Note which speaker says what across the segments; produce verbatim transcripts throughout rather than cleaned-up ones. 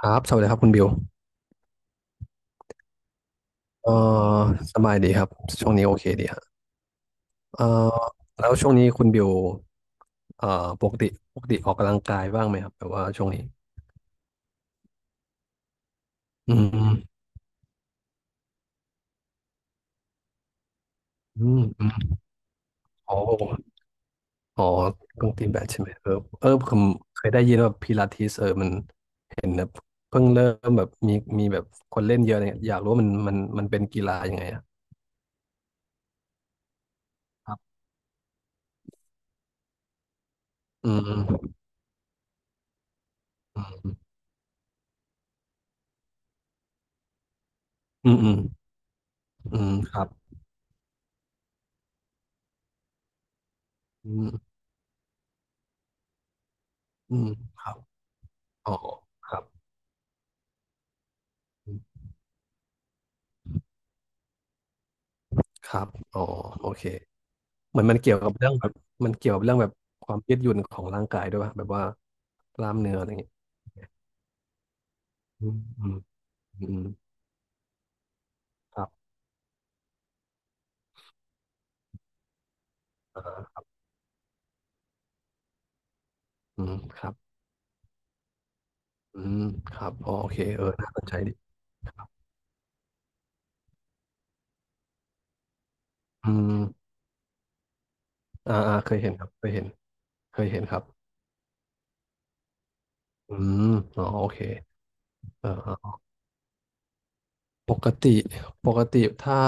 Speaker 1: ครับสวัสดีครับคุณบิวเอ่อสบายดีครับช่วงนี้โอเคดีฮะเอ่อแล้วช่วงนี้คุณบิวเอ่อปกติปกติออกกำลังกายบ้างไหมครับแบบว่าช่วงนี้อืมอืมอืมอ๋ออ๋อต้องตีแบดใช่ไหมเออเออผมเคยได้ยินว่าพิลาทิสเออมันเห็นแบบเพิ่งเริ่มแบบมีมีแบบคนเล่นเยอะอะไรเงี้ยอยากรู้ว่ามันมันมันเป็นกีฬายังไงอะครับอืมอืมอืมอืมอืมครับอืมอืมครับอ๋อครับ ครับอ๋อโอเคเหมือนมันเกี่ยวกับเรื่องแบบมันเกี่ยวกับเรื่องแบบความยืดหยุ่นของร่างกายด้วยป่ะแบบว่ากล้ามเนื้ออะไรอย่างเงี้ยอืมอืมอืมครับอ่าอืมครับอืมครับอ๋อโอเค เออ น่าสนใจดิอืมอ่าอ่าเคยเห็นครับเคยเห็นเคยเห็นครับอืมอ๋อโอเคเออ ปกติปกติถ้า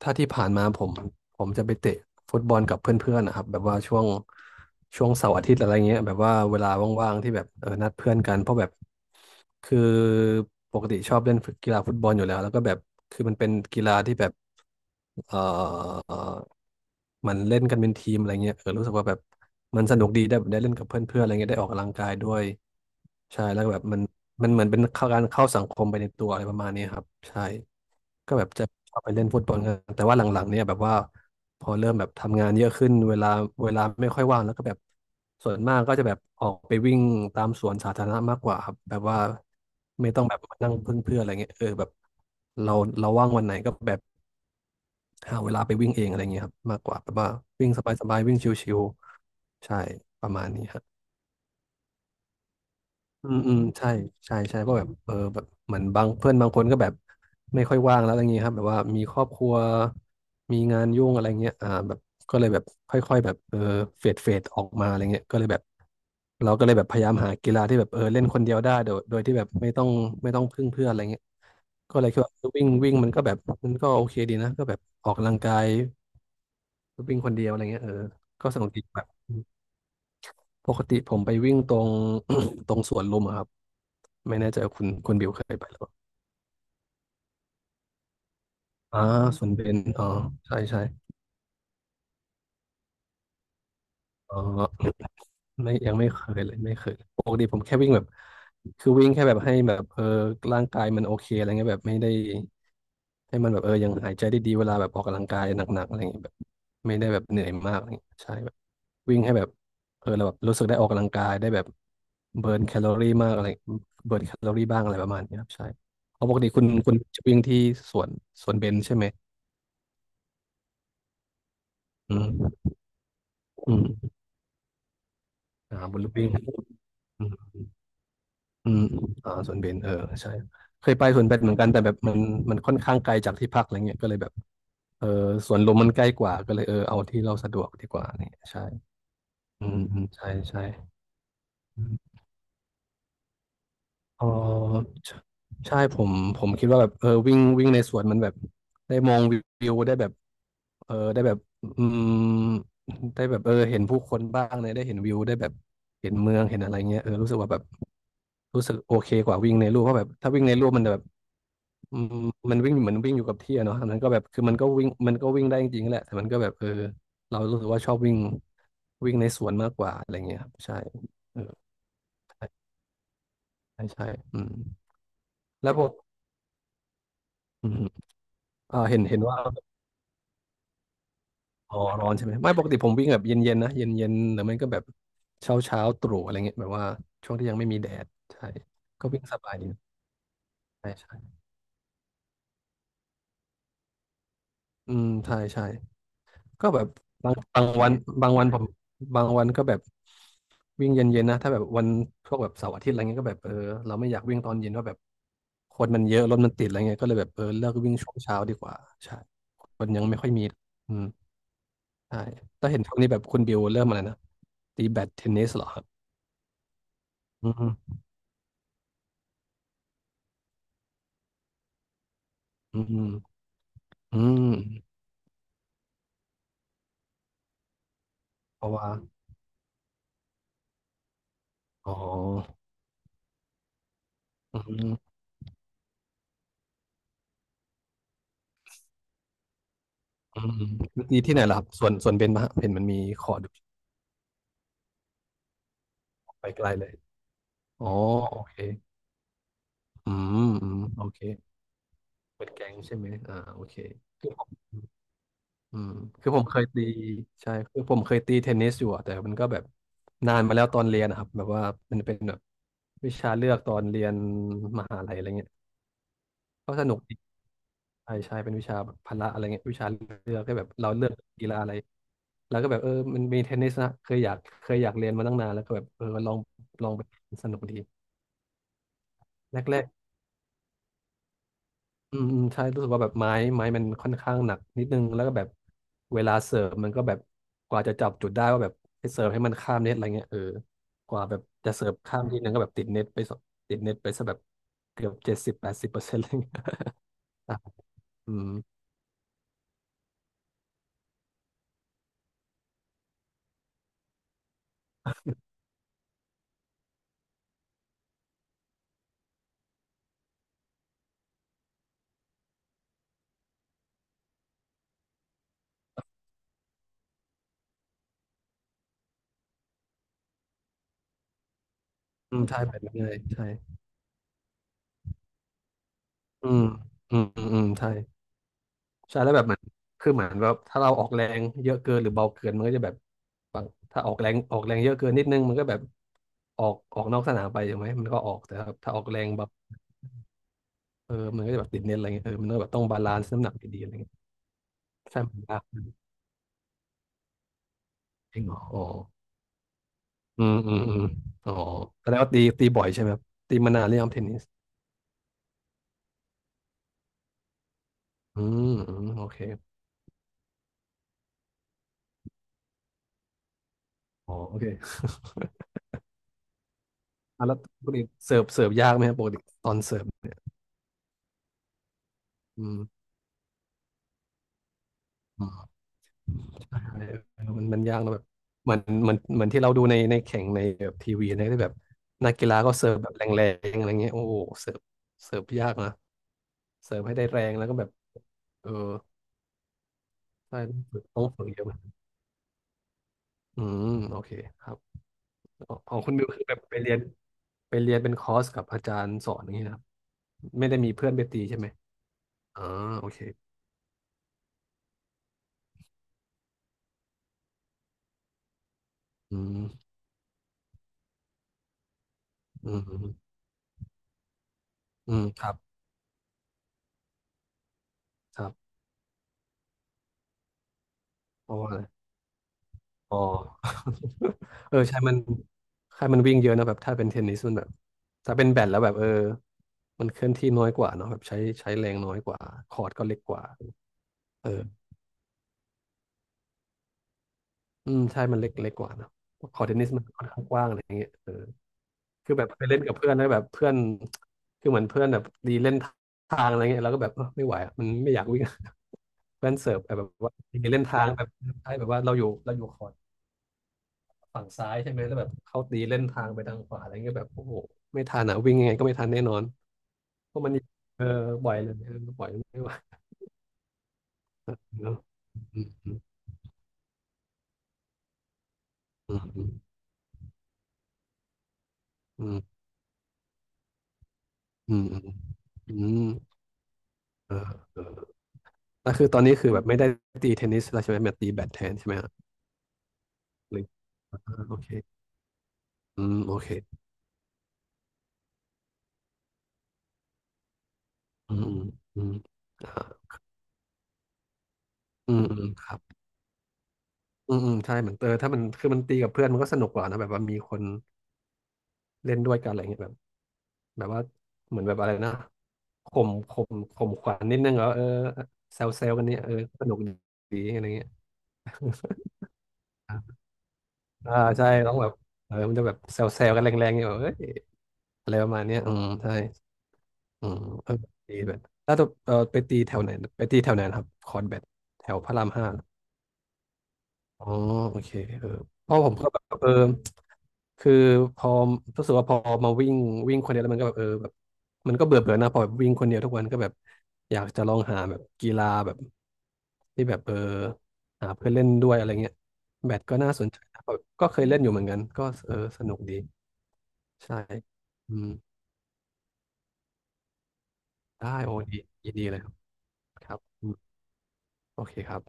Speaker 1: ถ้าที่ผ่านมาผมผมจะไปเตะฟุตบอลกับเพื่อนๆนะครับแบบว่าช่วงช่วงเสาร์อาทิตย์อะไรเงี้ยแบบว่าเวลาว่างๆที่แบบเออนัดเพื่อนกันเพราะแบบคือปกติชอบเล่นกีฬาฟุตบอลอยู่แล้วแล้วก็แบบคือมันเป็นกีฬาที่แบบเอ่อ อเมันเล่นกันเป็นทีมอะไรเงี้ยเออรู้สึกว่าแบบมันสนุกดีได้แบบได้เล่นกับเพื่อนๆอะไรเงี้ยได้ออกกำลังกายด้วยใช่แล้วก็แบบมันมันเหมือนเป็นเข้าการเข้าสังคมไปในตัวอะไรประมาณนี้ครับใช่ก็แบบจะชอบไปเล่นฟุตบอลกันแต่ว่าหลังๆเนี่ยแบบว่าพอเริ่มแบบทำงานเยอะขึ้นเวลาเวลาไม่ค่อยว่างแล้วก็แบบส่วนมากก็จะแบบออกไปวิ่งตามสวนสาธารณะมากกว่าครับแบบว่าไม่ต้องแบบมานั่งพึ่งเพื่อนอะไรเงี้ยเออแบบเราเราว่างวันไหนก็แบบ หาเวลาไปวิ่งเองอะไรเงี้ยครับมากกว่าแบบว่าวิ่งสบายๆวิ่งชิวๆใช่ประมาณนี้ครับอืมอืมใช่ใช่ใช่เพราะแบบเออแบบเหมือนบางเพื่อนบางคนก็แบบไม่ค่อยว่างแล้วอะไรเงี้ยครับแบบว่ามีครอบครัวมีงานยุ่งอะไรเงี้ยอ่าแบบก็เลยแบบค่อยๆแบบเออเฟดเฟดออกมาอะไรเงี้ยก็เลยแบบเราก็เลยแบบพยายามหากีฬาที่แบบเออเล่นคนเดียวได้โดยโดยที่แบบไม่ต้องไม่ต้องพึ่งเพื่อนอะไรเงี้ยก็เลยคิดว่าวิ่งวิ่งมันก็แบบมันก็โอเคดีนะก็แบบออกกำลังกาย วิ่งคนเดียวอะไรเงี้ยเออก็สนุกดีแบบปกติผมไปวิ่งตรง ตรงสวนลุมอะครับไม่แน่ใจว่าคุณคุณบิวเคยไปหรือเปล่าอ่าสวนเบญอ๋อใช่ใช่อ๋อ ไม่ยังไม่เคยเลยไม่เคยปกติผมแค่วิ่งแบบคือวิ่งแค่แบบให้แบบเออร่างกายมันโอเคอะไรเงี้ยแบบไม่ได้ให้มันแบบเออยังหายใจได้ดีเวลาแบบออกกำลังกายหนักๆอะไรเงี้ยแบบไม่ได้แบบเหนื่อยมากอะไรเงี้ยใช่ วิ่งให้แบบเออเราแบบรู้สึกได้ออกกำลังกายได้แบบเบิร์นแคลอรี่มากอะไรเบิร์นแคลอรี่บ้างอะไรประมาณนี้ครับใช่เพราะปกติคุณคุณจะวิ่งที่สวนสวนเบญใช่ไหมอืมอืมอ่าบนลู่วิ่งอืมอืมอ่าสวนเบญเออใช่เคยไปสวนเบญเหมือนกันแต่แบบมันมันค่อนข้างไกลจากที่พักอะไรเงี้ยก็เลยแบบเออสวนลมมันใกล้กว่าก็เลยเออเอาที่เราสะดวกดีกว่าเนี่ยใช่อืมอืมใช่ใช่ เออใช่ใช่ผมผมคิดว่าแบบเออวิ่งวิ่งในสวนมันแบบได้มองวิวได้แบบเออได้แบบอืมได้แบบเออเห็นผู้คนบ้างเลยได้เห็นวิวได้แบบเห็นเมืองเห็นอะไรเงี้ยเออรู้สึกว่าแบบรู้สึกโอเคกว่าวิ่งในรูปเพราะแบบถ้าวิ่งในรูปมันแบบอืมมันวิ่งเหมือนวิ่งอยู่กับที่อะเนาะอันนั้นก็แบบคือมันก็วิ่งมันก็วิ่งได้จริงๆแหละแต่มันก็แบบเออเรารู้สึกว่าชอบวิ่งวิ่งในสวนมากกว่าอะไรเงี้ยครับใช่เออใช่ใช่ใช่อืมแล้วปกอืม เออเห็นเห็นว่าอ๋อร้อนใช่ไหมไม่ปกติผมวิ่งแบบเย็นๆนะเย็นๆหรือไม่ก็แบบเช้าเช้าตรู่อะไรเงี้ยแบบว่าช่วงที่ยังไม่มีแดดใช่ก็วิ่งสบายดีใช่ใช่อืมใช่ใช่ก็แบบบางบางวันบางวันผมบางวันก็แบบวิ่งเย็นๆนะถ้าแบบวันพวกแบบเสาร์อาทิตย์อะไรเงี้ยก็แบบเออเราไม่อยากวิ่งตอนเย็นว่าแบบคนมันเยอะรถมันติดอะไรเงี้ยก็เลยแบบเออเลิกวิ่งช่วงเช้าดีกว่าใช่คนยังไม่ค่อยมีอืมใช่แต่เห็นช่วงนี้แบบคุณบิวเริ่มอะไรนะตีแบดเทนนิสเหรอครับอืม อืมอืม เพราะว่า อ๋ออืมอืมดีที่ไหนล่ะครับส่วนส่วนเบนมาเห็นมันมีขอดูไปไกลเลย อ๋อ โอเคอืมอืมโอเคเปิดแกงใช่ไหมอ่าโอเคคือผมอืมคือผมเคยตีใช่คือผมเคยตีเทนนิสอยู่อะแต่มันก็แบบนานมาแล้วตอนเรียนนะครับ แบบว่ามันเป็นแบบวิชาเลือกตอนเรียนมหาลัยอะไรเงี้ย ก็สนุกดีใช่ใช่เป็นวิชาแบบพละอะไรเงี้ยวิชาเลือกก็แบบเราเลือกกีฬาอะไรแล้วก็แบบเออมันมีเทนนิสนะเคยอยากเคยอยากเรียนมาตั้งนานแล้วก็แบบเออลองลองไปสนุกดีแรกๆอืมอืมใช่รู้สึกว่าแบบไม้ไม้มันค่อนข้างหนักนิดนึงแล้วก็แบบเวลาเสิร์ฟมันก็แบบกว่าจะจับจุดได้ว่าแบบให้เสิร์ฟให้มันข้ามเน็ตอะไรเงี้ยเออกว่าแบบจะเสิร์ฟข้ามทีนึงก็แบบติดเน็ตไปสติดเน็ตไปซะแบบเกือบเจ็ดสิบแปดสิบเปอร์เซ็นต์อะไรเงี้ย อ่ะอืมอืมใช่แบบนั้นเลยใช่ อืมอืมอืมอืมใช่ใช่แล้วแบบเหมือนคือเหมือนแบบถ้าเราออกแรงเยอะเกินหรือเบาเกิน มันก็จะแบบบางถ้าออกแรงออกแรงเยอะเกินนิดนึงมันก็แบบออกออกนอกสนามไปใช่ไหมมันก็ออกแต่ถ้าถ้าออกแรงแบบเออมันก็จะแบบติดเน็ตอะไรเงี้ยเออมันก็แบบต้องบาลานซ์น้ำหนักดีๆอะไรเงี้ยใช่มันยากจริงเหรออ๋ออืมอืมอืมอ๋อแสดงว่าตีตีบ่อยใช่ไหมครับตีมานานหรือยังเทนนิสอืมอืมโอเคอ๋อโอเคอ่ะแล้วปกติเสิร์ฟเสิร์ฟยากไหมครับปกติตอนเสิร์ฟอืม ใช่เมันมันยากนะแบบเหมือนเหมือนเหมือนที่เราดูในในแข่งในแบบทีวีนะที่แบบนักกีฬาก็เสิร์ฟแบบแรงๆอะไรเงี้ยโอ้โหเสิร์ฟเสิร์ฟยากนะเสิร์ฟให้ได้แรงแล้วก็แบบเออใช่ต้องฝึกต้องฝึกเยอะมากอืมโอเคครับของคุณบิวคือแบบไปเรียนไปเรียนเป็นคอร์สกับอาจารย์สอนอย่างนี้นะครับไม่ได้มีเพื่อนไปตีใช่ไหมอ๋อโอเคอืมอืมอืมอืมครับครับเพราะว่า อ๋อ เออใช่มันใช่มันวิ่งเยอะนะแบบถ้าเป็นเทนนิสมันแบบถ้าเป็นแบดแล้วแบบเออมันเคลื่อนที่น้อยกว่าเนาะแบบใช้ใช้แรงน้อยกว่าคอร์ตก็เล็กกว่าเอออืมใช่มันเล็กเล็กกว่าเนอะคอร์ตเทนนิสมันค่อนข้างกว้างอะไรอย่างเงี้ยเออคือแบบไปเล่นกับเพื่อนแล้วแบบเพื่อนคือเหมือนเพื่อนแบบดีเล่นทางอะไรเงี้ยแราก็แบบเออไม่ไหวอะมันไม่อยากวิ่ง เพื่อนเสิร์ฟแบบว่าดีเล่นทางแบบใช่แบบว่าเราอยู่เราอยู่คอร์ต ฝั่งซ้ายใช่ไหมแล้วแบบเขาตีเล่นทางไปทางขวาอะไรเงี้ยแบบโอ้โหไม่ทันอ่ะวิ่งยังไงก็ไม่ทันแน่นอนเพราะมันเออบ่อยเลยปล่อยไม่ไหวเนอะอืมอืมอืมอืมอืมอืมเออเออแล้วคือตอนนี้คือแบบไม่ได้ตีเทนนิสแล้วใช่ไหมมาตีแบดแทนใช่ไหมฮะหรืออ่าโอเคอืมโอเคอืมอืมอืมอ่าอืมอืมครับอืมอืมใช่เหมือนเออถ้ามันคือมันตีกับเพื่อนมันก็สนุกกว่านะแบบว่ามีคนเล่นด้วยกันอะไรเงี้ยแบบ แบบว่าเหมือนแบบอะไรนะข่มข่มข่มขวัญนิดนึงเหรอเออเซลเซลกันเนี่ยเออสนุกดีอะไรเงี้ย อ่าใช่ต้องแบบเออมันจะแบบแซลแซลกันแรงๆเนี่ยแบบเอ้ยอะไรประมาณเนี้ยอืมใช่อืมเออตีแบดถ้าจะเออไปตีแถวไหนไปตีแถวไหนนะครับคอนแบดแถวพระรามห้า อ๋อโอเคเออเพราะผมก็แบบเออคือพอรู้สึกว่าพอมาวิ่งวิ่งคนเดียวแล้วมันก็แบบเออแบบมันก็เบื่อเบื่อนะพอแบบวิ่งคนเดียวทุกวันก็แบบอยากจะลองหาแบบกีฬาแบบที่แบบเออหาเพื่อนเล่นด้วยอะไรเงี้ยแบดก็น่าสนใจนะแบบก็เคยเล่นอยู่เหมือนกันก็เออสนุกดีใช่อืมได้โอ้ดียินดีเลยครับครับอืมโอเคครับ